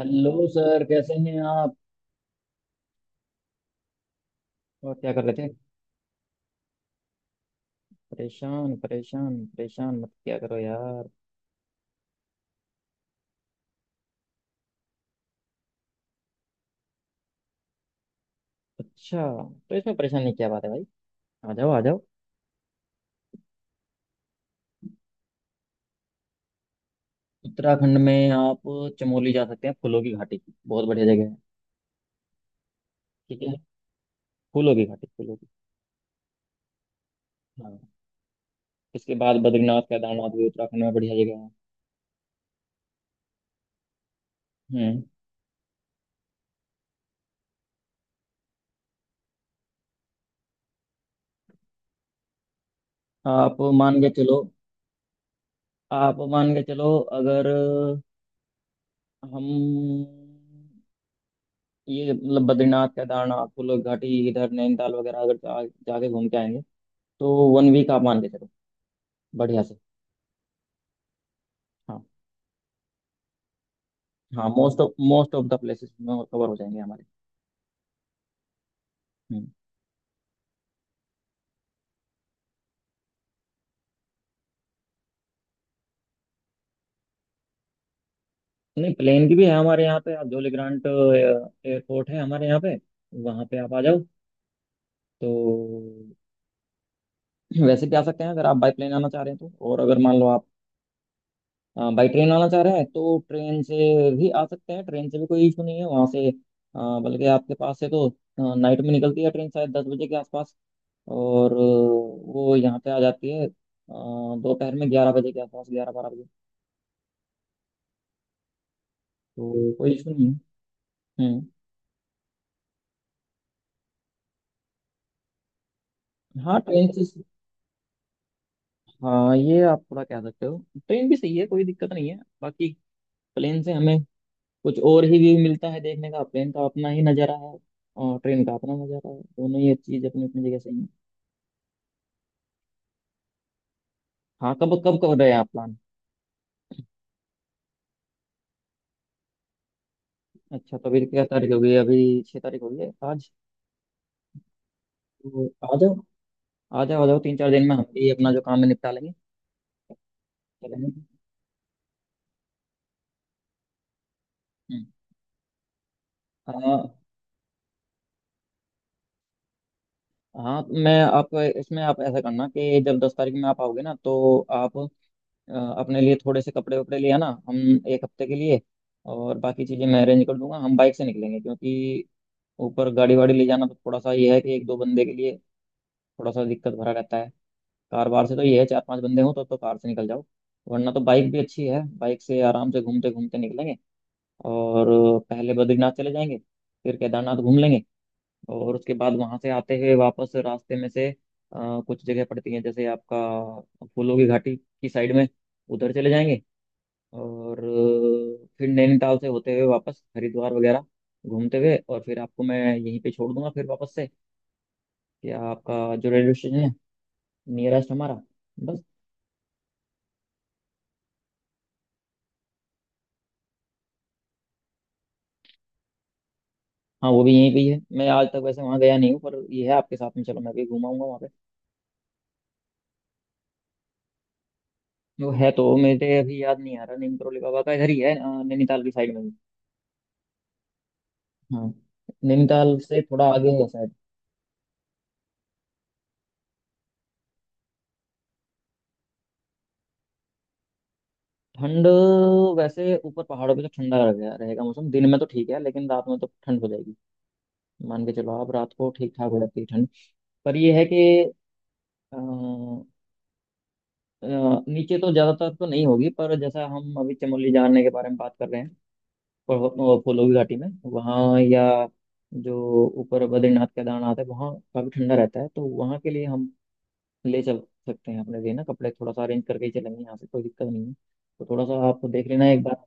Hello sir कैसे हैं आप? और क्या कर रहे थे? परेशान परेशान परेशान मत क्या करो यार। अच्छा तो इसमें परेशान नहीं, क्या बात है भाई। आ जाओ आ जाओ। उत्तराखंड में आप चमोली जा सकते हैं, फूलों की घाटी बहुत बढ़िया जगह है। ठीक है। फूलों की घाटी, फूलों की। हाँ। इसके बाद बद्रीनाथ केदारनाथ भी उत्तराखंड में बढ़िया जगह है। हम्म। आप मान के चलो। आप मान के चलो अगर हम ये मतलब बद्रीनाथ केदारनाथ फूलों की घाटी इधर नैनीताल वगैरह अगर जाके घूम के आएंगे तो 1 वीक आप मान के चलो बढ़िया से। हाँ। हाँ मोस्ट ऑफ द प्लेसेस में कवर हो जाएंगे हमारे। हम्म। नहीं, प्लेन की भी है हमारे यहाँ पे। आप जॉली ग्रांट एयरपोर्ट है हमारे यहाँ पे, वहाँ पे आप आ जाओ। तो वैसे भी आ सकते हैं अगर आप बाई प्लेन आना चाह रहे हैं तो, और अगर मान लो आप बाई ट्रेन आना चाह रहे हैं तो ट्रेन से भी आ सकते हैं। ट्रेन से भी कोई इशू नहीं है वहाँ से। बल्कि आपके पास से तो नाइट में निकलती है ट्रेन, शायद 10 बजे के आसपास, और वो यहाँ पे आ जाती है दोपहर में, 11 बजे के आसपास, 11-12 बजे। तो कोई इशू नहीं है। हम्म। हाँ ट्रेन से। हाँ ये आप थोड़ा कह सकते हो, ट्रेन भी सही है, कोई दिक्कत नहीं है। बाकी प्लेन से हमें कुछ और ही व्यू मिलता है देखने का, प्लेन का अपना ही नज़ारा है और ट्रेन का अपना नज़ारा है, दोनों ही चीज़ अपनी अपनी जगह सही है। हाँ, कब कब कर रहे हैं आप प्लान? अच्छा, तो अभी क्या तारीख हो गई? अभी 6 तारीख हो गई है आज। तो आ जाओ, आ जाओ आ जाओ, 3-4 दिन में हम भी अपना जो काम है निपटा लेंगे। चलेंगे। हम्म। हाँ। हाँ मैं, आप इसमें आप ऐसा करना कि जब 10 तारीख में आप आओगे ना तो आप अ, अपने लिए थोड़े से कपड़े वपड़े ले आना, हम 1 हफ्ते के लिए। और बाकी चीज़ें मैं अरेंज कर दूंगा। हम बाइक से निकलेंगे क्योंकि ऊपर गाड़ी वाड़ी ले जाना तो थोड़ा सा ये है कि 1-2 बंदे के लिए थोड़ा सा दिक्कत भरा रहता है। कार वार से तो ये है 4-5 बंदे हों तो कार से निकल जाओ, वरना तो बाइक भी अच्छी है, बाइक से आराम से घूमते घूमते निकलेंगे। और पहले बद्रीनाथ चले जाएंगे, फिर केदारनाथ घूम लेंगे, और उसके बाद वहां से आते हुए वापस रास्ते में से कुछ जगह पड़ती हैं जैसे आपका फूलों की घाटी की साइड में, उधर चले जाएंगे। और फिर नैनीताल से होते हुए वापस हरिद्वार वगैरह घूमते हुए, और फिर आपको मैं यहीं पे छोड़ दूंगा, फिर वापस से, कि आपका जो रेलवे स्टेशन है नियरेस्ट हमारा, बस। हाँ वो भी यहीं पे ही है, मैं आज तक वैसे वहाँ गया नहीं हूँ, पर ये है आपके साथ में चलो मैं भी घुमाऊंगा वहाँ पे। वो है तो, मेरे अभी याद नहीं आ रहा। नीम करोली बाबा का इधर ही है, नैनीताल की साइड में ही। हाँ। नैनीताल से थोड़ा आगे ही है शायद। ठंड वैसे ऊपर पहाड़ों पे तो ठंडा रह गया रहेगा मौसम, दिन में तो ठीक है लेकिन रात में तो ठंड हो जाएगी। मान के चलो आप, रात को ठीक ठाक हो जाती है ठंड। पर ये है कि अ, अ, नीचे तो ज्यादातर तो नहीं होगी, पर जैसा हम अभी चमोली जाने के बारे में बात कर रहे हैं, फूलों की घाटी में वहाँ, या जो ऊपर बद्रीनाथ केदारनाथ है वहाँ काफी ठंडा रहता है, तो वहाँ के लिए हम ले चल सकते हैं, अपने लिए ना कपड़े थोड़ा सा अरेंज करके ही चलेंगे यहाँ से, कोई दिक्कत नहीं है। तो थोड़ा सा आप देख लेना एक बार।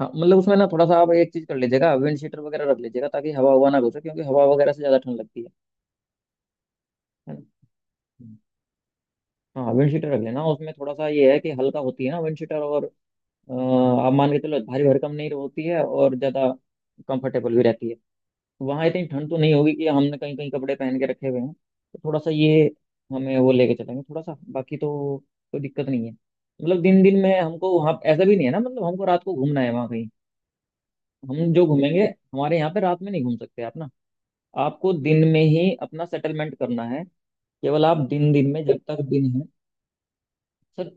हाँ मतलब उसमें ना थोड़ा सा आप एक चीज कर लीजिएगा, विंड शीटर वगैरह रख लीजिएगा ताकि हवा हुआ ना घुसे, क्योंकि हवा वगैरह से ज्यादा ठंड लगती है। है ना। हम्म। हाँ विंड शीटर रख लेना, उसमें थोड़ा सा ये है कि हल्का होती है ना विंड शीटर, और आप मान के चलो भारी भरकम नहीं होती है, और ज्यादा कंफर्टेबल भी रहती है। वहाँ इतनी ठंड तो नहीं होगी कि हमने कहीं कहीं कपड़े पहन के रखे हुए हैं, तो थोड़ा सा ये हमें वो लेके चलेंगे थोड़ा सा, बाकी तो कोई दिक्कत नहीं है। मतलब दिन दिन में हमको वहाँ ऐसा भी नहीं है ना, मतलब हमको रात को घूमना है वहाँ कहीं। हम जो घूमेंगे, हमारे यहाँ पे रात में नहीं घूम सकते आप ना, आपको दिन में ही अपना सेटलमेंट करना है, केवल आप दिन दिन में, जब तक दिन है। सर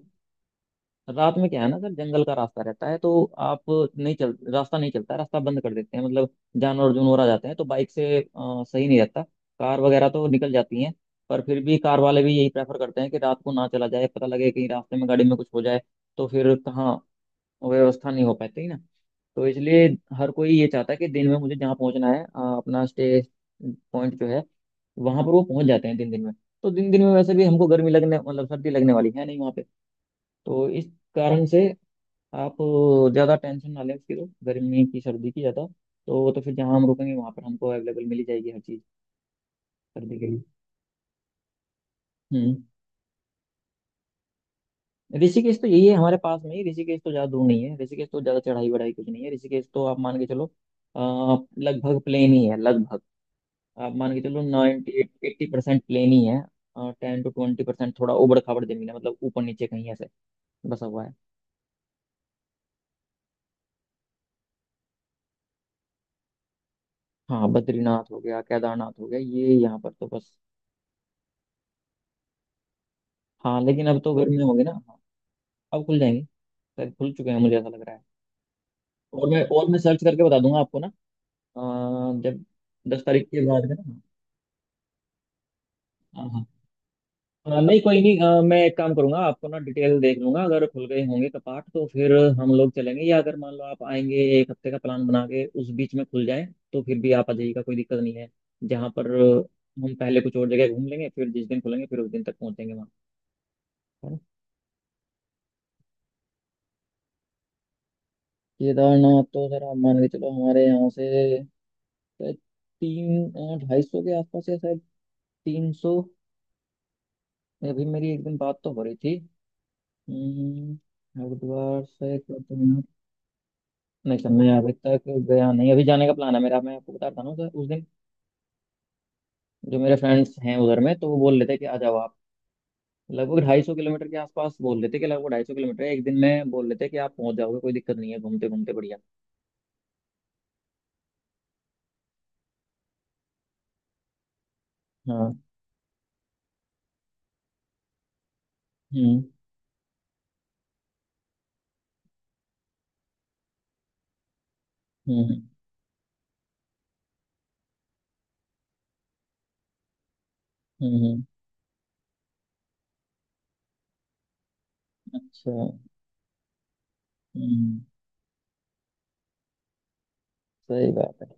रात में क्या है ना सर, जंगल का रास्ता रहता है तो आप, नहीं चल रास्ता नहीं चलता है, रास्ता बंद कर देते हैं मतलब। जानवर जुनवर आ जाते हैं तो बाइक से सही नहीं रहता। कार वगैरह तो निकल जाती हैं, पर फिर भी कार वाले भी यही प्रेफर करते हैं कि रात को ना चला जाए, पता लगे कहीं रास्ते में गाड़ी में कुछ हो जाए तो फिर कहाँ व्यवस्था नहीं हो पाती ना। तो इसलिए हर कोई ये चाहता है कि दिन में मुझे जहाँ पहुँचना है अपना स्टे पॉइंट जो है, वहां पर वो पहुंच जाते हैं दिन दिन में। तो दिन दिन में वैसे भी हमको गर्मी लगने मतलब सर्दी लगने वाली है नहीं वहां पे, तो इस कारण से आप ज़्यादा टेंशन ना लें उसकी, तो गर्मी की सर्दी की ज़्यादा तो। तो फिर जहाँ हम रुकेंगे वहाँ पर हमको अवेलेबल मिली जाएगी हर चीज़ सर्दी के लिए। हम्म। ऋषिकेश तो यही है हमारे पास में ही, ऋषिकेश तो ज़्यादा दूर नहीं है, ऋषिकेश तो ज़्यादा चढ़ाई बढ़ाई कुछ नहीं है। ऋषिकेश तो आप मान के चलो अ, लगभग प्लेन ही है लगभग। आप मान के चलो 90-80% प्लेन ही है, 10-20% थोड़ा उबड़ खाबड़ जमीन है मतलब ऊपर नीचे कहीं ऐसे बसा हुआ है। हाँ बद्रीनाथ हो गया, केदारनाथ हो गया, ये यहाँ पर तो बस। हाँ लेकिन अब तो गर्मी होगी ना। हाँ, अब खुल जाएंगे। शायद भूल चुके हैं, मुझे ऐसा लग रहा है। और मैं सर्च करके बता दूंगा आपको ना, अ, जब 10 तारीख के बाद में ना। हाँ हाँ। नहीं कोई नहीं। मैं एक काम करूंगा आपको ना, डिटेल देख लूंगा, अगर खुल गए होंगे कपाट तो फिर हम लोग चलेंगे, या अगर मान लो आप आएंगे 1 हफ्ते का प्लान बना के, उस बीच में खुल जाए तो फिर भी आप आ जाइएगा, कोई दिक्कत नहीं है। जहाँ पर हम पहले कुछ और जगह घूम लेंगे, फिर जिस दिन खुलेंगे फिर उस दिन तक पहुंचेंगे वहाँ, है ना? केदारनाथ तो जरा मान के चलो, हमारे यहाँ से शायद तीन, 250 के आसपास, या शायद 300। अभी मेरी एक दिन बात तो हो रही थी। हम्म, हरिद्वार से केदारनाथ। नहीं सर, मैं अभी तक गया नहीं, अभी जाने का प्लान है मेरा। मैं आपको बता रहा हूँ सर, उस दिन जो मेरे फ्रेंड्स हैं उधर में, तो वो बोल लेते कि आ जाओ आप, लगभग 250 किलोमीटर के आसपास, बोल लेते कि लगभग 250 किलोमीटर है। एक दिन में बोल लेते कि आप पहुंच जाओगे, कोई दिक्कत नहीं है, घूमते घूमते बढ़िया। हाँ। हम्म हम्म। हम्म हम्म, अच्छा। हम्म। सही बात है।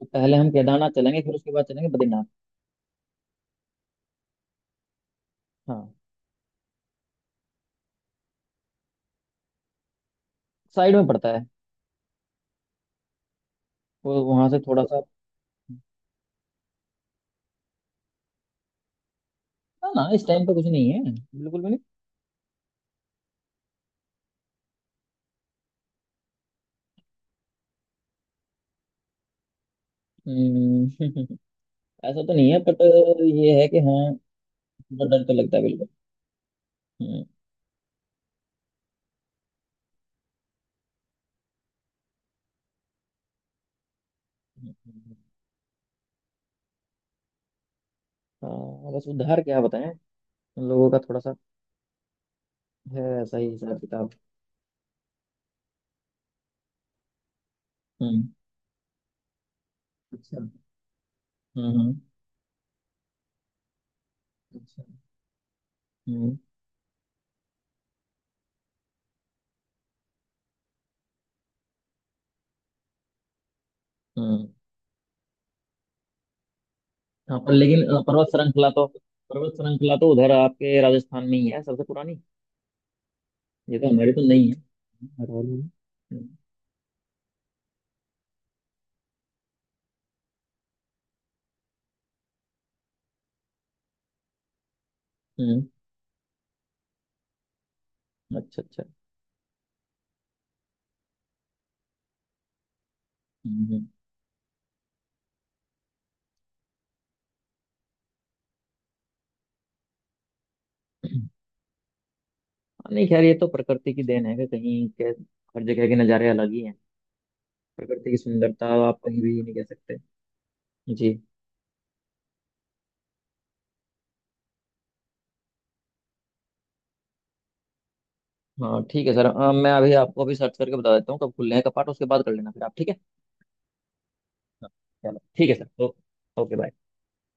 तो पहले हम केदारनाथ चलेंगे, फिर उसके बाद चलेंगे बद्रीनाथ। हाँ। साइड में पड़ता है, वो वहां से थोड़ा सा। ना ना इस टाइम पे कुछ नहीं है, बिल्कुल भी नहीं। हम्म, ऐसा तो नहीं है बट, ये है कि हाँ, थोड़ा डर तो लगता है बिल्कुल। हम्म, हम्म, हम्म। हाँ बस उधार क्या बताएं, लोगों का थोड़ा सा है ऐसा ही हिसाब किताब। हम्म। अच्छा। हम्म। अच्छा। हम्म हम्म। हाँ पर लेकिन पर्वत श्रृंखला तो, पर्वत श्रृंखला तो उधर आपके राजस्थान में ही है, सबसे पुरानी। ये तो हमारी तो नहीं है। हम्म। हम्म, अच्छा अच्छा। हम्म। हम्म। नहीं खैर ये तो प्रकृति की देन है कि कहीं के, हर जगह के नज़ारे अलग ही हैं। प्रकृति की सुंदरता आप कहीं भी नहीं कह सकते। जी। हाँ ठीक है सर। मैं अभी आपको अभी सर्च करके बता देता हूँ कब खुल रहे हैं कपाट, उसके बाद कर लेना फिर आप, ठीक है। चलो ठीक है सर। Okay bye.